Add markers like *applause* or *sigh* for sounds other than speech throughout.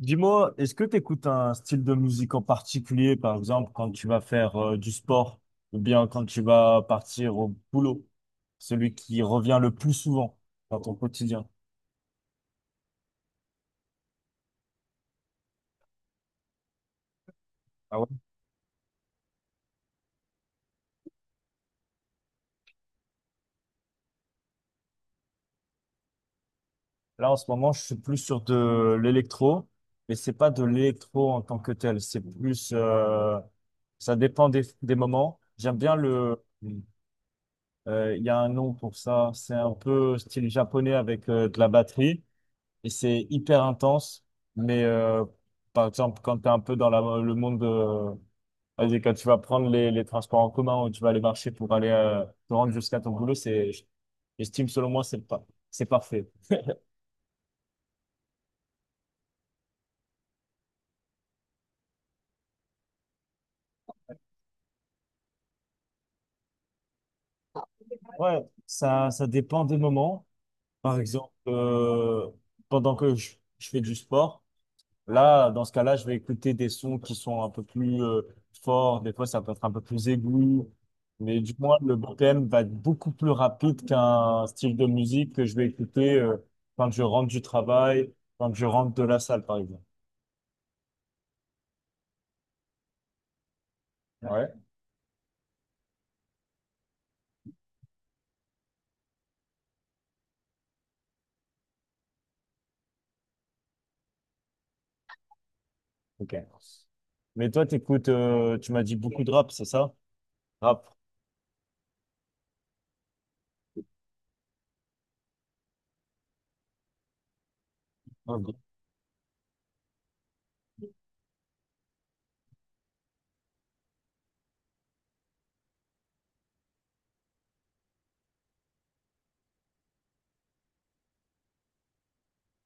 Dis-moi, est-ce que tu écoutes un style de musique en particulier, par exemple, quand tu vas faire du sport ou bien quand tu vas partir au boulot? Celui qui revient le plus souvent dans ton quotidien. Ah ouais? Là, en ce moment, je suis plus sur de l'électro, mais c'est pas de l'électro en tant que tel. C'est plus, ça dépend des moments. J'aime bien le. Il y a un nom pour ça. C'est un peu style japonais avec de la batterie, et c'est hyper intense. Mais euh, Par exemple, quand tu es un peu dans le monde de... Vas-y, quand tu vas prendre les transports en commun, ou tu vas aller marcher pour aller te rendre jusqu'à ton boulot, c'est, j'estime selon moi, c'est pas, c'est parfait. Ouais, ça dépend des moments. Par exemple, pendant que je fais du sport, là, dans ce cas-là, je vais écouter des sons qui sont un peu plus forts. Des fois, ça peut être un peu plus aigu. Mais du moins, le BPM va être beaucoup plus rapide qu'un style de musique que je vais écouter quand je rentre du travail, quand je rentre de la salle, par exemple. Ouais. Ok. Mais toi, tu m'as dit beaucoup de rap, c'est ça? Rap. Ok.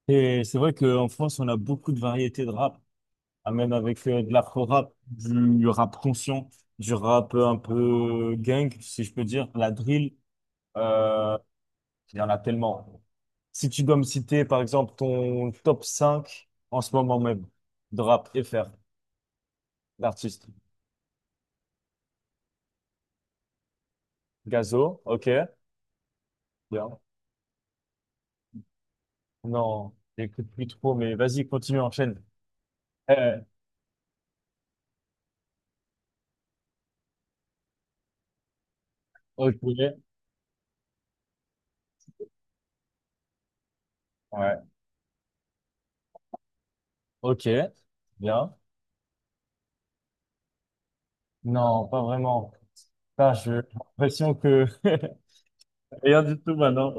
Et c'est vrai qu'en France, on a beaucoup de variétés de rap. Ah, même avec de l'afro-rap, du rap conscient, du rap un peu gang, si je peux dire, la drill, euh, il y en a tellement. Si tu dois me citer, par exemple, ton top 5 en ce moment même de rap FR, l'artiste. Gazo, ok, bien. Non, j'écoute plus trop, mais vas-y, continue, enchaîne. Eh, ok, ouais, ok, bien. Non, pas vraiment. Putain, j'ai l'impression que *laughs* rien du tout maintenant.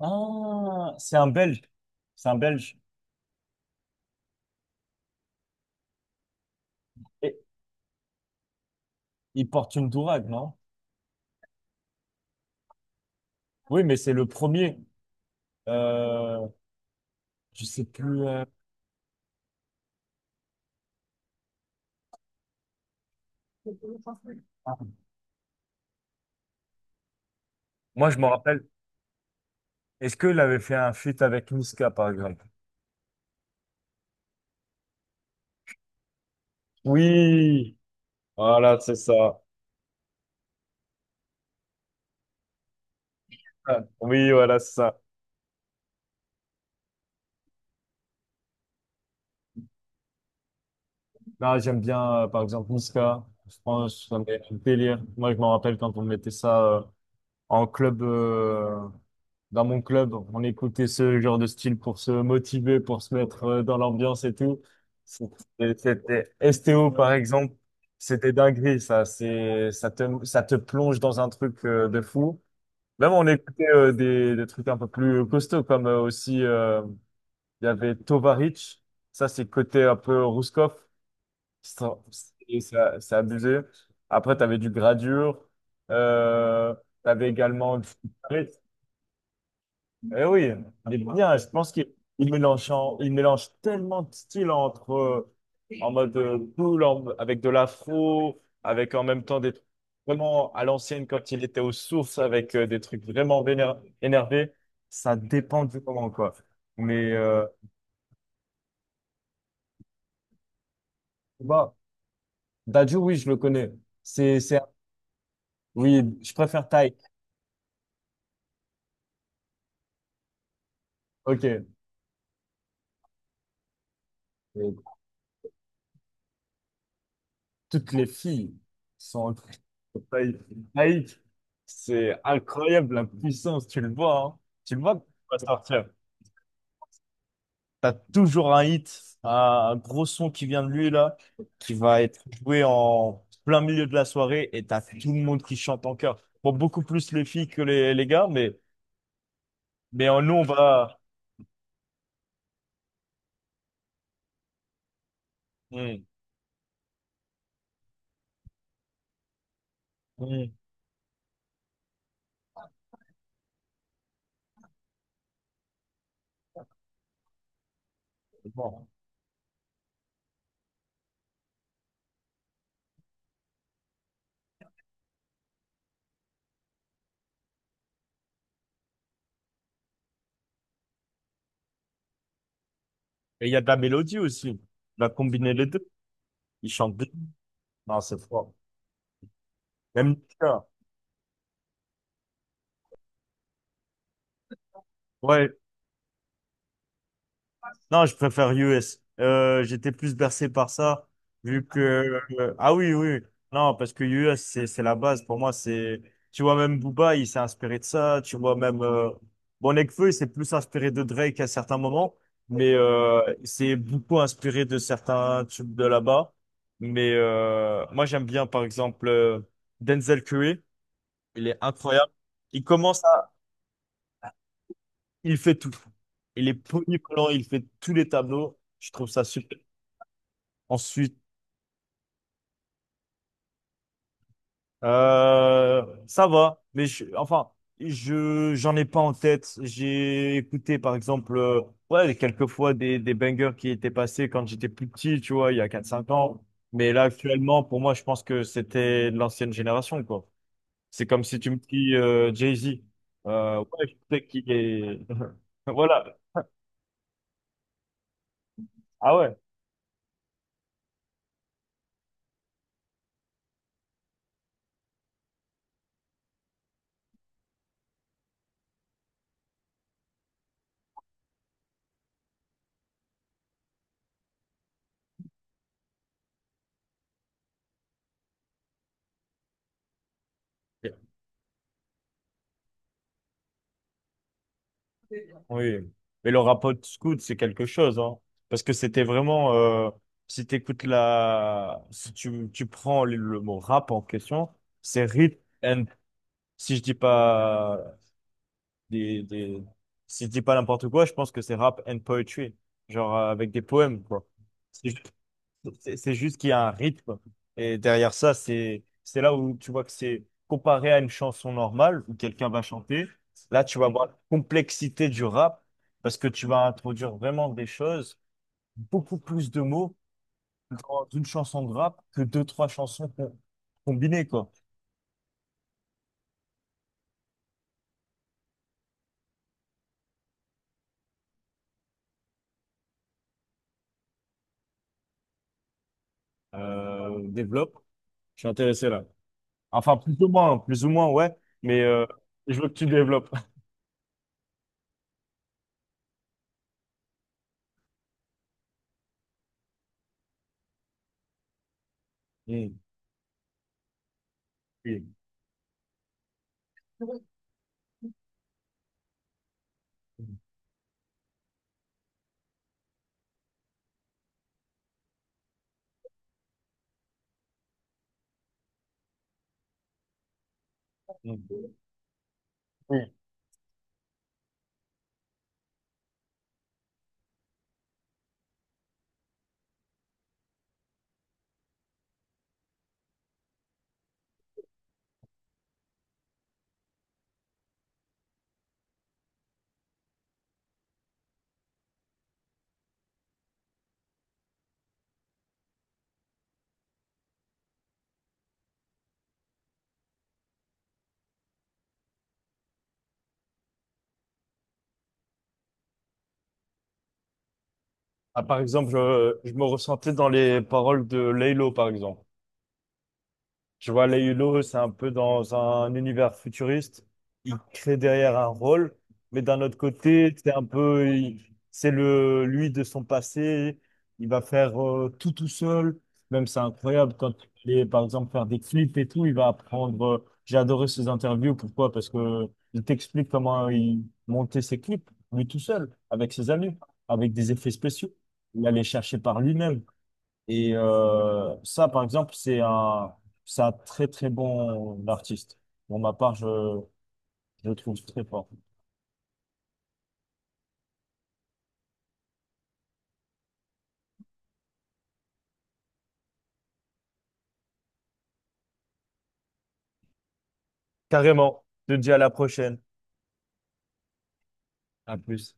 Ah, c'est un Belge. C'est un Belge. Et il porte une dourague, non? Oui, mais c'est le premier. Euh, je sais plus. Moi, je me rappelle. Est-ce qu'il avait fait un feat avec Niska, par exemple? Oui, voilà, c'est ça. Ah, oui, voilà, c'est ça. Non, j'aime bien, par exemple, Niska. Je pense que ça me fait un délire. Moi, je me rappelle quand on mettait ça en club, dans mon club, on écoutait ce genre de style pour se motiver, pour se mettre dans l'ambiance et tout. C'était STO, par exemple, c'était dinguerie, ça. Ça te plonge dans un truc de fou. Même on écoutait des trucs un peu plus costauds, comme euh, il y avait Tovarich. Ça, c'est côté un peu Rouskov. C'est c'est abusé. Après, tu avais du Gradure. Euh, tu avais également du... Eh oui, il est bien. Je pense qu'il il mélange, il mélange tellement de styles entre en mode cool, avec de l'afro, avec en même temps des trucs vraiment à l'ancienne quand il était aux sources, avec des trucs vraiment énervés. Ça dépend du moment, quoi. Mais euh, bah, Dadju, oui, je le connais. C'est, c'est, oui, je préfère Taïk. Ok. Toutes les filles sont en taille laïque. C'est incroyable la puissance, tu le vois, hein. Tu le vois quand il va sortir. T'as toujours un hit, un gros son qui vient de lui là, qui va être joué en plein milieu de la soirée, et t'as tout le monde qui chante en chœur. Bon, beaucoup plus les filles que les gars, mais nous on va. Hmm, hmm, bon. Et il y a de la mélodie aussi. On va combiner les deux. Ils chantent bien. Non, c'est fort. Même le chœur. Ouais, non, je préfère US. J'étais plus bercé par ça, vu. Ah ouais. Que... ah oui, oui. Non, parce que US, c'est la base. Pour moi, c'est... Tu vois, même Booba, il s'est inspiré de ça. Tu vois, même... Bon, Nekfeu, il s'est plus inspiré de Drake à certains moments, mais il s'est beaucoup inspiré de certains tubes de là-bas. Moi, j'aime bien, par exemple, Denzel Curry. Il est incroyable. Il commence à... Il fait tout. Il est polyvalent, il fait tous les tableaux. Je trouve ça super. Ensuite, ça va, mais j'en ai pas en tête. J'ai écouté, par exemple, ouais, quelques fois des bangers qui étaient passés quand j'étais plus petit, tu vois, il y a quatre cinq ans. Mais là, actuellement, pour moi, je pense que c'était de l'ancienne génération, quoi. C'est comme si tu me dis Jay-Z. Ouais, je sais qu'il est... *laughs* Voilà. Ah ouais. Oui, mais le rapport Scout, c'est quelque chose, hein. Parce que c'était vraiment, si t'écoutes la, si tu prends le mot rap en question, c'est rhythm and, si je dis pas des, des, si je dis pas n'importe quoi, je pense que c'est rap and poetry. Genre, avec des poèmes, quoi. Si je- c'est juste qu'il y a un rythme. Et derrière ça, c'est là où tu vois que c'est comparé à une chanson normale où quelqu'un va chanter. Là, tu vas voir la complexité du rap, parce que tu vas introduire vraiment des choses, beaucoup plus de mots dans une chanson de rap que deux, trois chansons combinées, quoi. Développe. Je suis intéressé là. Enfin, plus ou moins, hein, plus ou moins, ouais. Mais euh, je veux que tu développes. *laughs* Mm. Oui. Mm. Oui. Ah, par exemple, je me ressentais dans les paroles de Laylo, par exemple. Tu vois, les Hulot, c'est un peu dans un univers futuriste. Il crée derrière un rôle, mais d'un autre côté, c'est un peu, il- c'est le lui de son passé. Il va faire tout tout seul. Même c'est incroyable quand il est, par exemple, faire des clips et tout. Il va apprendre. J'ai adoré ses interviews. Pourquoi? Parce que il t'explique comment il montait ses clips lui tout seul, avec ses amis, avec des effets spéciaux. Il allait chercher par lui-même. Et ça, par exemple, c'est un très très bon artiste. Pour ma part, je le trouve très fort. Carrément. Je te dis à la prochaine. À plus.